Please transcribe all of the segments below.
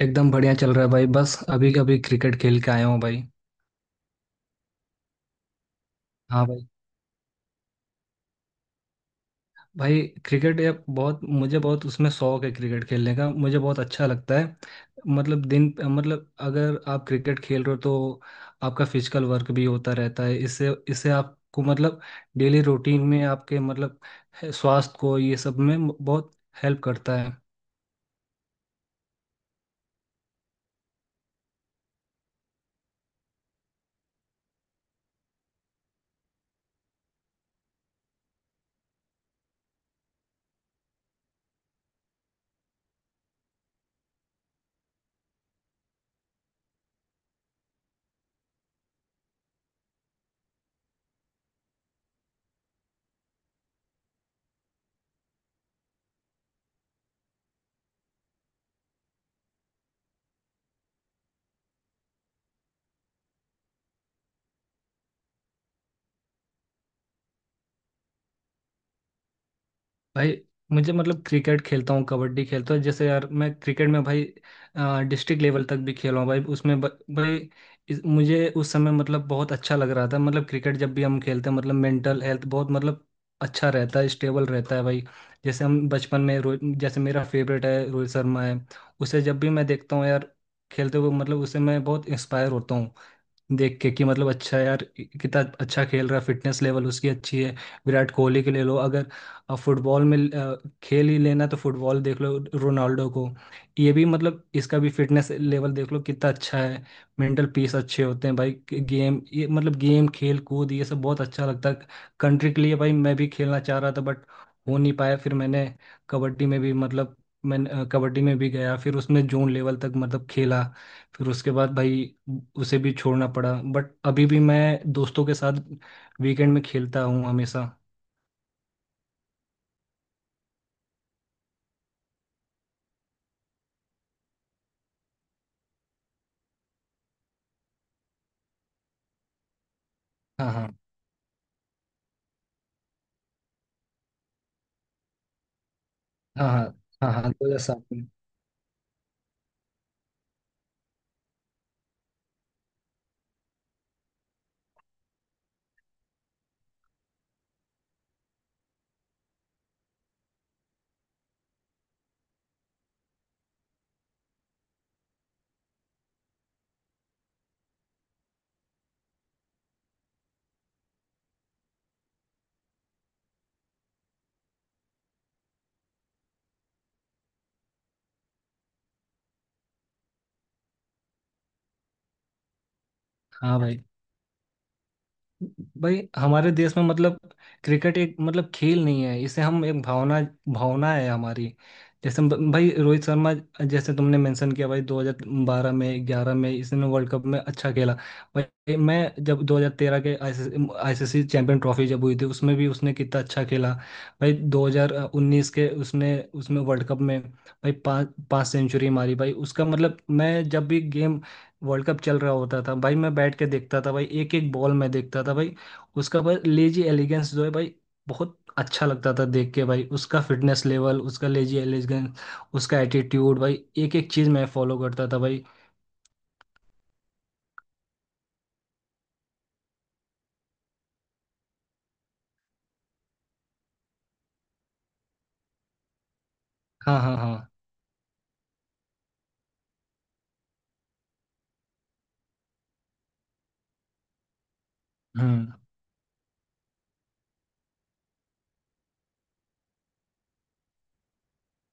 एकदम बढ़िया चल रहा है भाई। बस अभी अभी क्रिकेट खेल के आया हूँ भाई। हाँ भाई। भाई, क्रिकेट ये बहुत मुझे बहुत उसमें शौक है, क्रिकेट खेलने का मुझे बहुत अच्छा लगता है। मतलब दिन मतलब अगर आप क्रिकेट खेल रहे हो तो आपका फिजिकल वर्क भी होता रहता है, इससे इससे आपको मतलब डेली रूटीन में आपके मतलब स्वास्थ्य को ये सब में बहुत हेल्प करता है। भाई मुझे मतलब क्रिकेट खेलता हूँ कबड्डी खेलता हूँ, जैसे यार मैं क्रिकेट में भाई डिस्ट्रिक्ट लेवल तक भी खेला हूँ भाई उसमें भाई मुझे उस समय मतलब बहुत अच्छा लग रहा था। मतलब क्रिकेट जब भी हम खेलते हैं, मतलब मेंटल हेल्थ बहुत मतलब अच्छा रहता है, स्टेबल रहता है भाई। जैसे हम बचपन में रोहित जैसे मेरा फेवरेट है, रोहित शर्मा है, उसे जब भी मैं देखता हूँ यार खेलते हुए मतलब उससे मैं बहुत इंस्पायर होता हूँ, देख के कि मतलब अच्छा यार कितना अच्छा खेल रहा है, फिटनेस लेवल उसकी अच्छी है। विराट कोहली के ले लो अगर, फुटबॉल में खेल ही लेना तो फुटबॉल देख लो रोनाल्डो को। ये भी मतलब इसका भी फिटनेस लेवल देख लो कितना अच्छा है। मेंटल पीस अच्छे होते हैं भाई, गेम ये मतलब गेम खेल कूद ये सब बहुत अच्छा लगता है। कंट्री के लिए भाई मैं भी खेलना चाह रहा था बट हो नहीं पाया। फिर मैंने कबड्डी में भी मतलब, मैं कबड्डी में भी गया, फिर उसमें जोन लेवल तक मतलब खेला। फिर उसके बाद भाई उसे भी छोड़ना पड़ा बट अभी भी मैं दोस्तों के साथ वीकेंड में खेलता हूँ हमेशा। हाँ हाँ हाँ। हाँ हाँ हाँ, 2007 में। हाँ भाई। भाई हमारे देश में मतलब क्रिकेट एक मतलब खेल नहीं है, इसे हम एक भावना, भावना है हमारी। जैसे भाई रोहित शर्मा, जैसे तुमने मेंशन किया भाई 2012 में 11 में इसने वर्ल्ड कप में अच्छा खेला। भाई मैं जब 2013 के आईसीसी चैंपियन ट्रॉफी जब हुई थी उसमें भी उसने कितना अच्छा खेला। भाई 2019 के उसने उसमें वर्ल्ड कप में भाई पाँच पाँच सेंचुरी मारी भाई। उसका मतलब मैं जब भी गेम, वर्ल्ड कप चल रहा होता था भाई मैं बैठ के देखता था भाई, एक एक बॉल मैं देखता था भाई। उसका भाई लेजी एलिगेंस जो है भाई बहुत अच्छा लगता था देख के भाई, उसका फिटनेस लेवल उसका लेजी एलिगेंस उसका एटीट्यूड भाई, एक एक चीज़ मैं फॉलो करता था भाई। हाँ हाँ हाँ। हम्म।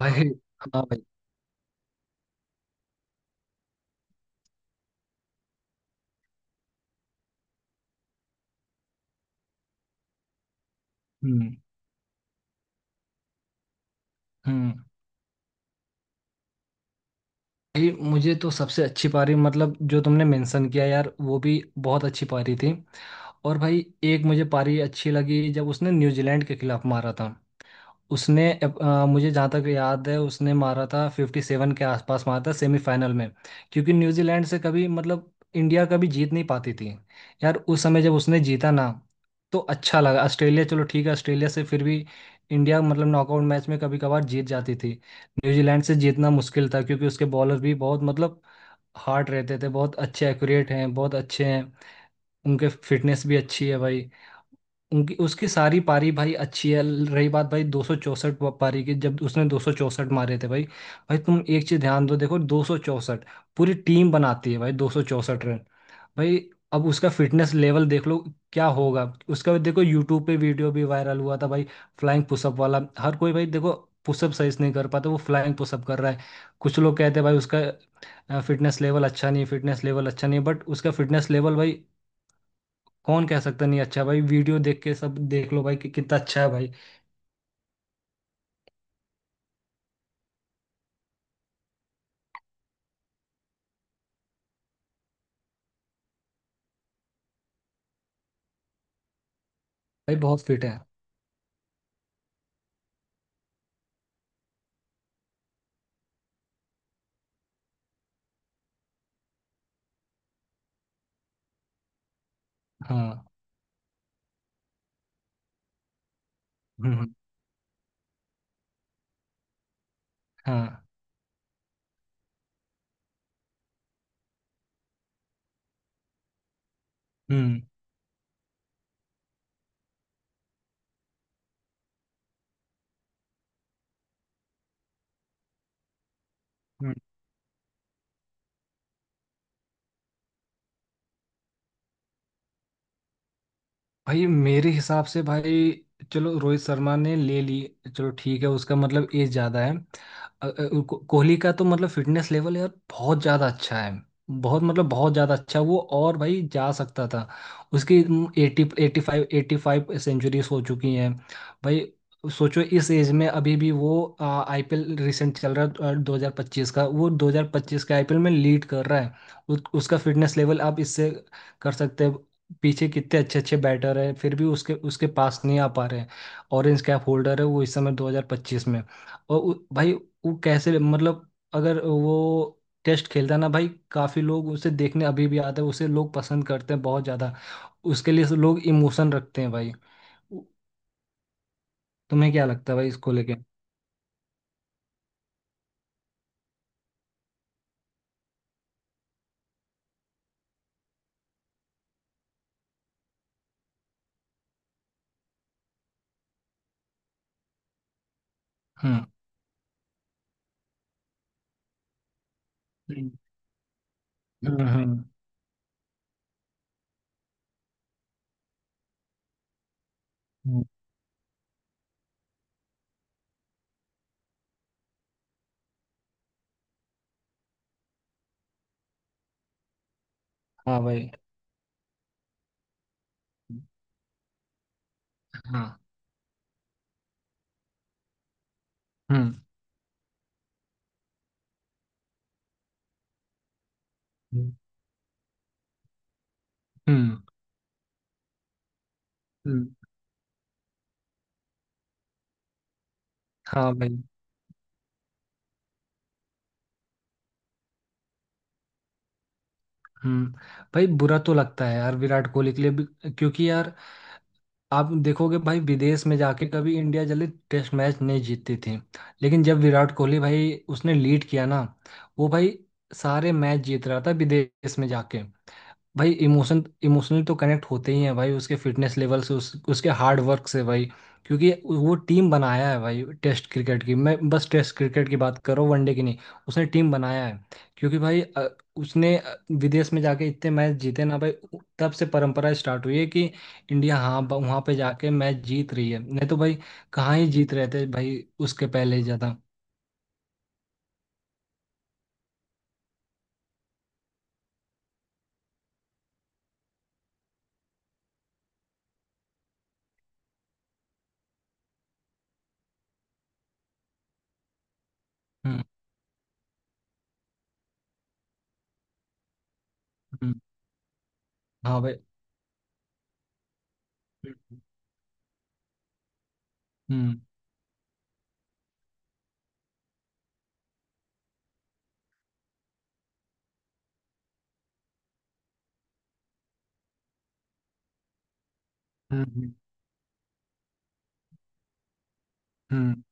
भाई। हाँ भाई। हम्म। हम्म। भाई मुझे तो सबसे अच्छी पारी मतलब जो तुमने मेंशन किया यार वो भी बहुत अच्छी पारी थी। और भाई एक मुझे पारी अच्छी लगी जब उसने न्यूजीलैंड के खिलाफ मारा था। उसने मुझे जहाँ तक याद है उसने मारा था 57 के आसपास, मारा था सेमीफाइनल में। क्योंकि न्यूजीलैंड से कभी मतलब इंडिया कभी जीत नहीं पाती थी यार। उस समय जब उसने जीता ना तो अच्छा लगा। ऑस्ट्रेलिया, चलो ठीक है ऑस्ट्रेलिया से फिर भी इंडिया मतलब नॉकआउट मैच में कभी कभार जीत जाती थी। न्यूजीलैंड से जीतना मुश्किल था, क्योंकि उसके बॉलर भी बहुत मतलब हार्ड रहते थे, बहुत अच्छे एक्यूरेट हैं, बहुत अच्छे हैं, उनके फिटनेस भी अच्छी है भाई। उनकी उसकी सारी पारी भाई अच्छी है। रही बात भाई 264 पारी की, जब उसने दो सौ चौसठ मारे थे भाई। भाई तुम एक चीज ध्यान दो, देखो दो सौ चौसठ पूरी टीम बनाती है भाई, दो सौ चौसठ रन। भाई, अब उसका फिटनेस लेवल देख लो क्या होगा। उसका भी देखो, यूट्यूब पे वीडियो भी वायरल हुआ था भाई, फ्लाइंग पुशअप वाला। हर कोई भाई देखो, पुशअप सही से नहीं कर पाता, वो फ्लाइंग पुशअप कर रहा है। कुछ लोग कहते हैं भाई उसका फिटनेस लेवल अच्छा नहीं, फिटनेस लेवल अच्छा नहीं, बट उसका फिटनेस लेवल भाई कौन कह सकता नहीं अच्छा। भाई वीडियो देख के सब देख लो भाई कि कितना अच्छा है भाई। भाई बहुत फिट है। हाँ। हम्म हम्म। हाँ। हम्म। हम्म। भाई मेरे हिसाब से भाई, चलो रोहित शर्मा ने ले ली, चलो ठीक है उसका मतलब एज ज़्यादा है। कोहली का तो मतलब फिटनेस लेवल यार बहुत ज़्यादा अच्छा है, बहुत मतलब बहुत ज़्यादा अच्छा है वो, और भाई जा सकता था। उसकी एटी एटी फाइव सेंचुरीज हो चुकी हैं भाई। सोचो इस एज में अभी भी वो, आईपीएल रिसेंट चल रहा है 2025 का, वो दो हज़ार पच्चीस का आईपीएल में लीड कर रहा है। उसका फिटनेस लेवल आप इससे कर सकते हैं, पीछे कितने अच्छे अच्छे बैटर हैं फिर भी उसके उसके पास नहीं आ पा रहे हैं। ऑरेंज कैप होल्डर है वो इस समय 2025 में। और भाई वो कैसे मतलब, अगर वो टेस्ट खेलता है ना भाई, काफ़ी लोग उसे देखने अभी भी आते हैं, उसे लोग पसंद करते हैं बहुत ज़्यादा, उसके लिए से लोग इमोशन रखते हैं भाई। उ- तुम्हें क्या लगता है भाई इसको लेके। हम्म हम्म। हम्म हम्म। हाँ भाई। हाँ। हम्म हम्म। हम्म। हाँ भाई। हम्म। भाई बुरा तो लगता है यार विराट कोहली के लिए भी, क्योंकि यार आप देखोगे भाई विदेश में जाके कभी इंडिया जल्दी टेस्ट मैच नहीं जीतती थी। लेकिन जब विराट कोहली भाई उसने लीड किया ना, वो भाई सारे मैच जीत रहा था विदेश में जाके भाई। इमोशन इमोशनली तो कनेक्ट होते ही हैं भाई उसके फिटनेस लेवल से, उसके हार्ड वर्क से भाई। क्योंकि वो टीम बनाया है भाई टेस्ट क्रिकेट की, मैं बस टेस्ट क्रिकेट की बात करो वनडे की नहीं। उसने टीम बनाया है, क्योंकि भाई उसने विदेश में जाके इतने मैच जीते ना भाई। तब से परंपरा स्टार्ट हुई है कि इंडिया, हाँ, वहाँ पे जाके मैच जीत रही है, नहीं तो भाई कहाँ ही जीत रहे थे भाई उसके पहले ज़्यादा। हम्म हम्म। हाँ भाई। हम्म हम्म। हम्म। हम्म।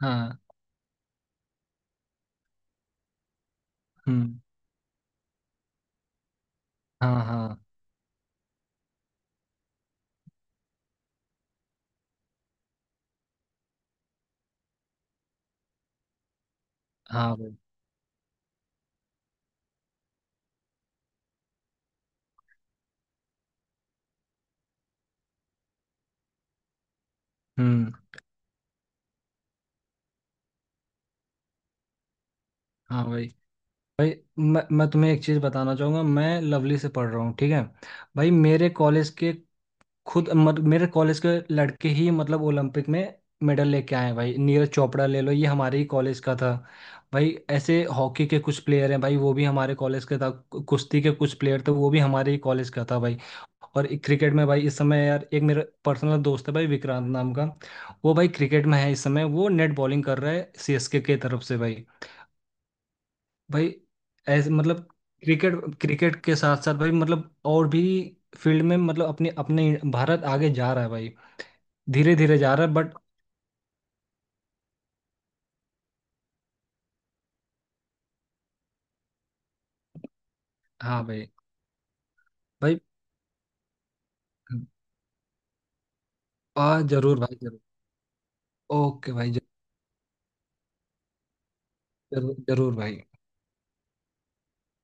हाँ। हम्म। हाँ हाँ। हाँ भाई। हम्म। हाँ भाई। भाई मैं तुम्हें एक चीज़ बताना चाहूँगा, मैं लवली से पढ़ रहा हूँ, ठीक है। भाई मेरे कॉलेज के, खुद मत, मेरे कॉलेज के लड़के ही मतलब ओलंपिक में मेडल लेके आए हैं भाई। नीरज चोपड़ा ले लो, ये हमारे ही कॉलेज का था भाई। ऐसे हॉकी के कुछ प्लेयर हैं भाई, वो भी हमारे कॉलेज का था। कुश्ती के कुछ प्लेयर थे, वो भी हमारे ही कॉलेज का था भाई। और क्रिकेट में भाई इस समय यार एक मेरा पर्सनल दोस्त है भाई विक्रांत नाम का, वो भाई क्रिकेट में है इस समय, वो नेट बॉलिंग कर रहा है सीएसके के तरफ से भाई। भाई ऐसे मतलब क्रिकेट, क्रिकेट के साथ साथ भाई मतलब और भी फील्ड में मतलब अपने अपने भारत आगे जा रहा है भाई, धीरे धीरे जा रहा है बट। हाँ भाई। भाई। आ। जरूर भाई जरूर। ओके भाई। जरूर जरूर भाई।